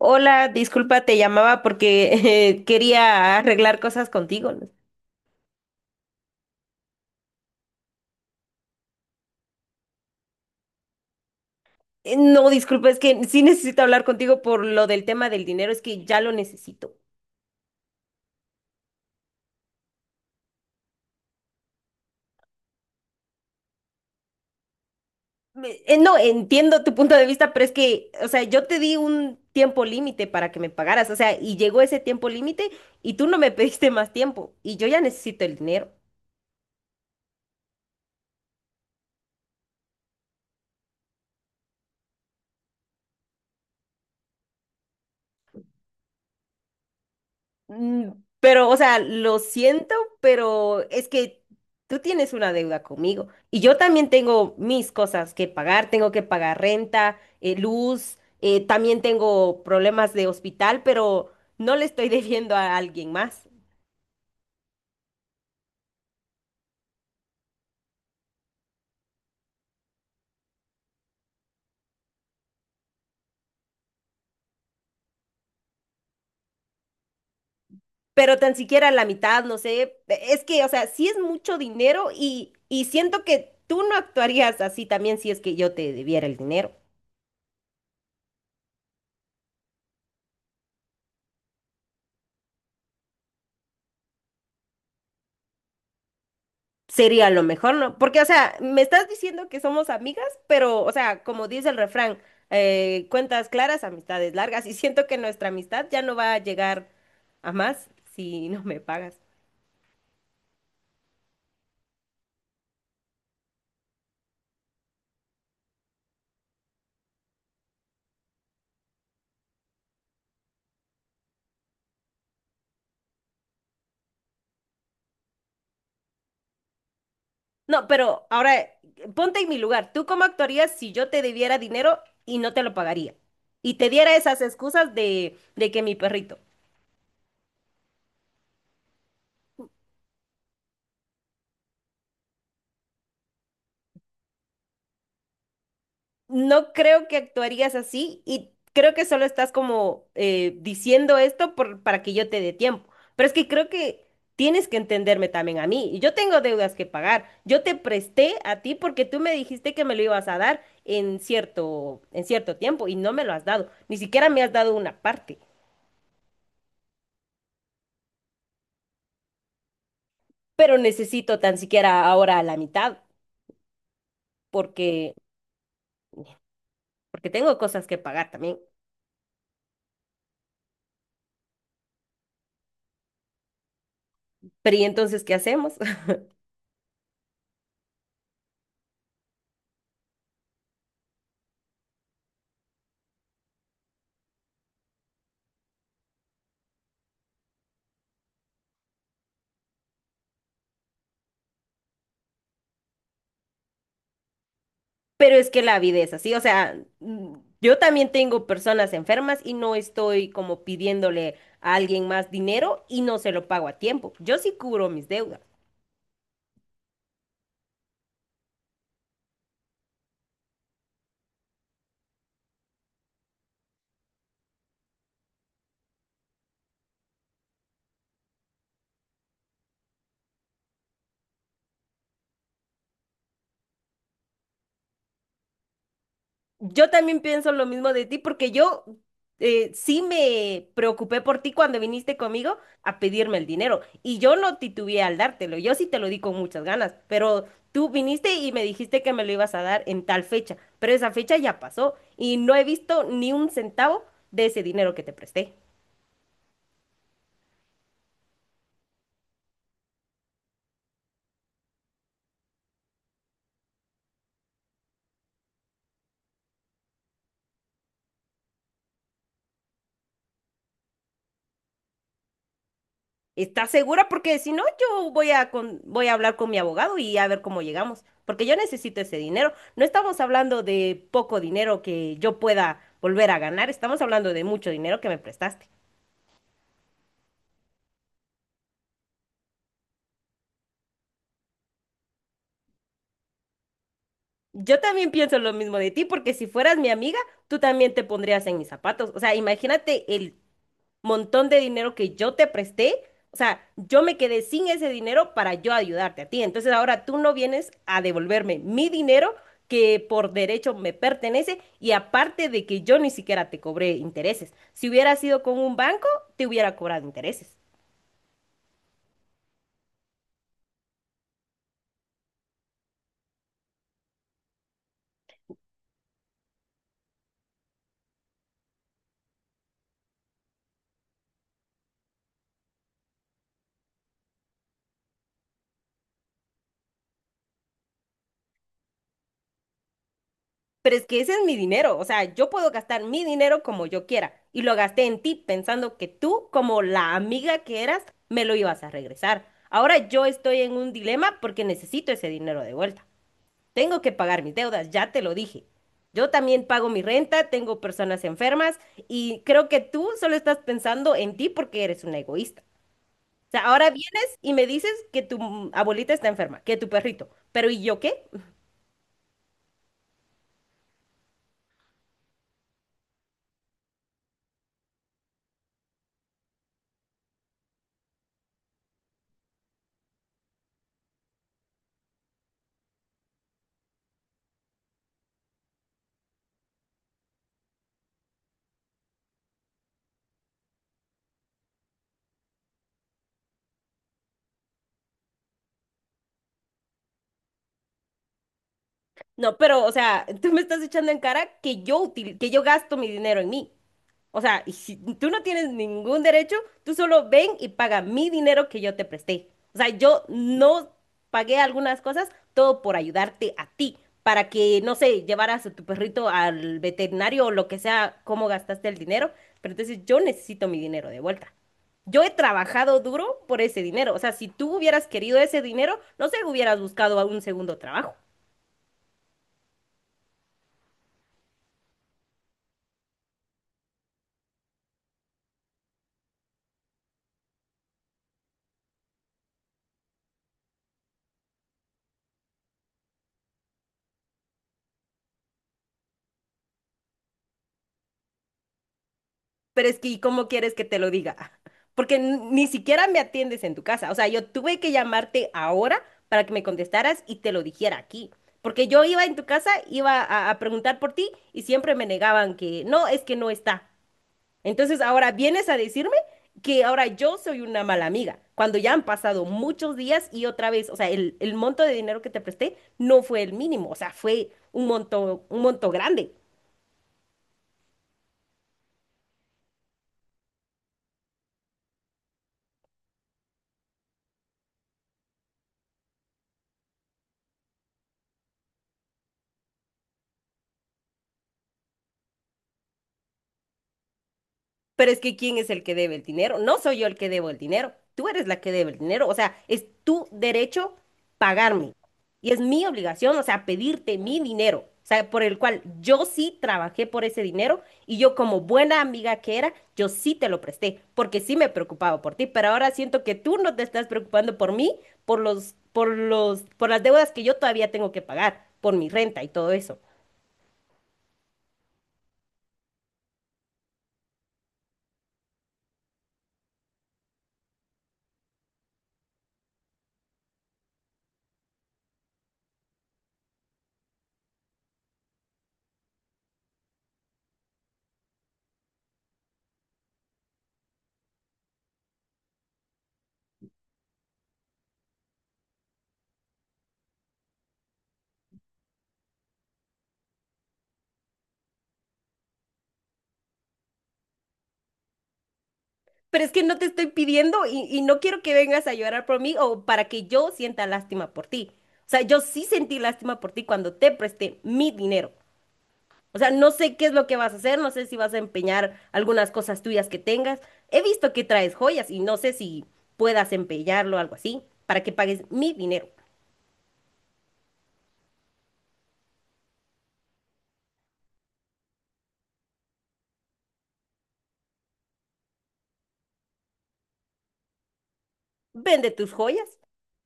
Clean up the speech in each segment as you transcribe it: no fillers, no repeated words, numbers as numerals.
Hola, disculpa, te llamaba porque quería arreglar cosas contigo. No, disculpa, es que sí necesito hablar contigo por lo del tema del dinero, es que ya lo necesito. No, entiendo tu punto de vista, pero es que, o sea, yo te di un tiempo límite para que me pagaras, o sea, y llegó ese tiempo límite y tú no me pediste más tiempo y yo ya necesito el dinero. Mm. Pero, o sea, lo siento, pero es que tú tienes una deuda conmigo y yo también tengo mis cosas que pagar, tengo que pagar renta, luz, también tengo problemas de hospital, pero no le estoy debiendo a alguien más. Pero tan siquiera la mitad, no sé, es que, o sea, sí es mucho dinero y siento que tú no actuarías así también si es que yo te debiera el dinero. Sería lo mejor, ¿no? Porque, o sea, me estás diciendo que somos amigas, pero, o sea, como dice el refrán, cuentas claras, amistades largas, y siento que nuestra amistad ya no va a llegar a más si no me pagas. No, pero ahora, ponte en mi lugar. ¿Tú cómo actuarías si yo te debiera dinero y no te lo pagaría? Y te diera esas excusas de que mi perrito. No creo que actuarías así y creo que solo estás como diciendo esto para que yo te dé tiempo. Pero es que creo que tienes que entenderme también a mí. Y yo tengo deudas que pagar. Yo te presté a ti porque tú me dijiste que me lo ibas a dar en cierto tiempo y no me lo has dado. Ni siquiera me has dado una parte. Pero necesito tan siquiera ahora la mitad porque, porque tengo cosas que pagar también. Pero ¿y entonces qué hacemos? Pero es que la vida es así, o sea, yo también tengo personas enfermas y no estoy como pidiéndole a alguien más dinero y no se lo pago a tiempo. Yo sí cubro mis deudas. Yo también pienso lo mismo de ti porque yo sí me preocupé por ti cuando viniste conmigo a pedirme el dinero y yo no titubeé al dártelo, yo sí te lo di con muchas ganas, pero tú viniste y me dijiste que me lo ibas a dar en tal fecha, pero esa fecha ya pasó y no he visto ni un centavo de ese dinero que te presté. ¿Estás segura? Porque si no, yo voy a hablar con mi abogado y a ver cómo llegamos, porque yo necesito ese dinero. No estamos hablando de poco dinero que yo pueda volver a ganar, estamos hablando de mucho dinero que me prestaste. Yo también pienso lo mismo de ti, porque si fueras mi amiga, tú también te pondrías en mis zapatos. O sea, imagínate el montón de dinero que yo te presté, o sea, yo me quedé sin ese dinero para yo ayudarte a ti. Entonces ahora tú no vienes a devolverme mi dinero que por derecho me pertenece y aparte de que yo ni siquiera te cobré intereses. Si hubiera sido con un banco, te hubiera cobrado intereses. Pero es que ese es mi dinero, o sea, yo puedo gastar mi dinero como yo quiera y lo gasté en ti pensando que tú, como la amiga que eras, me lo ibas a regresar. Ahora yo estoy en un dilema porque necesito ese dinero de vuelta. Tengo que pagar mis deudas, ya te lo dije. Yo también pago mi renta, tengo personas enfermas y creo que tú solo estás pensando en ti porque eres una egoísta. O sea, ahora vienes y me dices que tu abuelita está enferma, que tu perrito, pero ¿y yo qué? No, pero, o sea, tú me estás echando en cara que yo que yo gasto mi dinero en mí. O sea, y si tú no tienes ningún derecho, tú solo ven y paga mi dinero que yo te presté. O sea, yo no pagué algunas cosas, todo por ayudarte a ti, para que, no sé, llevaras a tu perrito al veterinario o lo que sea, cómo gastaste el dinero. Pero entonces yo necesito mi dinero de vuelta. Yo he trabajado duro por ese dinero. O sea, si tú hubieras querido ese dinero, no sé, hubieras buscado un segundo trabajo. Pero es que, ¿y cómo quieres que te lo diga? Porque ni siquiera me atiendes en tu casa. O sea, yo tuve que llamarte ahora para que me contestaras y te lo dijera aquí. Porque yo iba en tu casa, a preguntar por ti y siempre me negaban que no, es que no está. Entonces ahora vienes a decirme que ahora yo soy una mala amiga, cuando ya han pasado muchos días y otra vez, o sea, el monto de dinero que te presté no fue el mínimo, o sea, fue un un monto grande. Pero es que ¿quién es el que debe el dinero? No soy yo el que debo el dinero. Tú eres la que debe el dinero. O sea, es tu derecho pagarme. Y es mi obligación, o sea, pedirte mi dinero. O sea, por el cual yo sí trabajé por ese dinero y yo como buena amiga que era, yo sí te lo presté, porque sí me preocupaba por ti, pero ahora siento que tú no te estás preocupando por mí, por las deudas que yo todavía tengo que pagar, por mi renta y todo eso. Pero es que no te estoy pidiendo y no quiero que vengas a llorar por mí o para que yo sienta lástima por ti. O sea, yo sí sentí lástima por ti cuando te presté mi dinero. O sea, no sé qué es lo que vas a hacer, no sé si vas a empeñar algunas cosas tuyas que tengas. He visto que traes joyas y no sé si puedas empeñarlo o algo así para que pagues mi dinero. Vende tus joyas,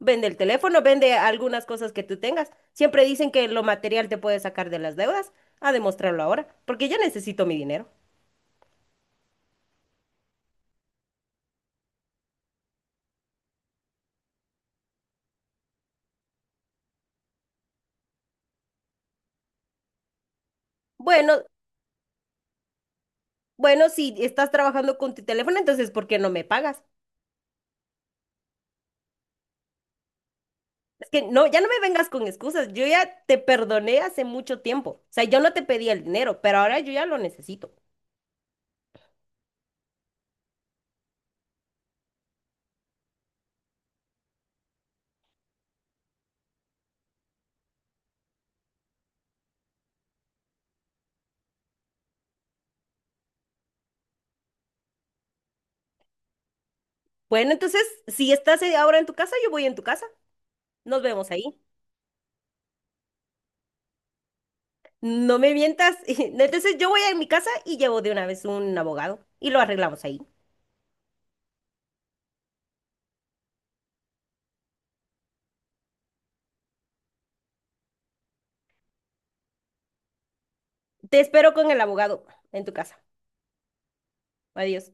vende el teléfono, vende algunas cosas que tú tengas. Siempre dicen que lo material te puede sacar de las deudas. A demostrarlo ahora, porque yo necesito mi dinero. Bueno, Bueno, si estás trabajando con tu teléfono, entonces ¿por qué no me pagas? Es que no, ya no me vengas con excusas. Yo ya te perdoné hace mucho tiempo. O sea, yo no te pedí el dinero, pero ahora yo ya lo necesito. Bueno, entonces, si estás ahora en tu casa, yo voy en tu casa. Nos vemos ahí. No me mientas. Entonces, yo voy a mi casa y llevo de una vez un abogado y lo arreglamos ahí. Te espero con el abogado en tu casa. Adiós.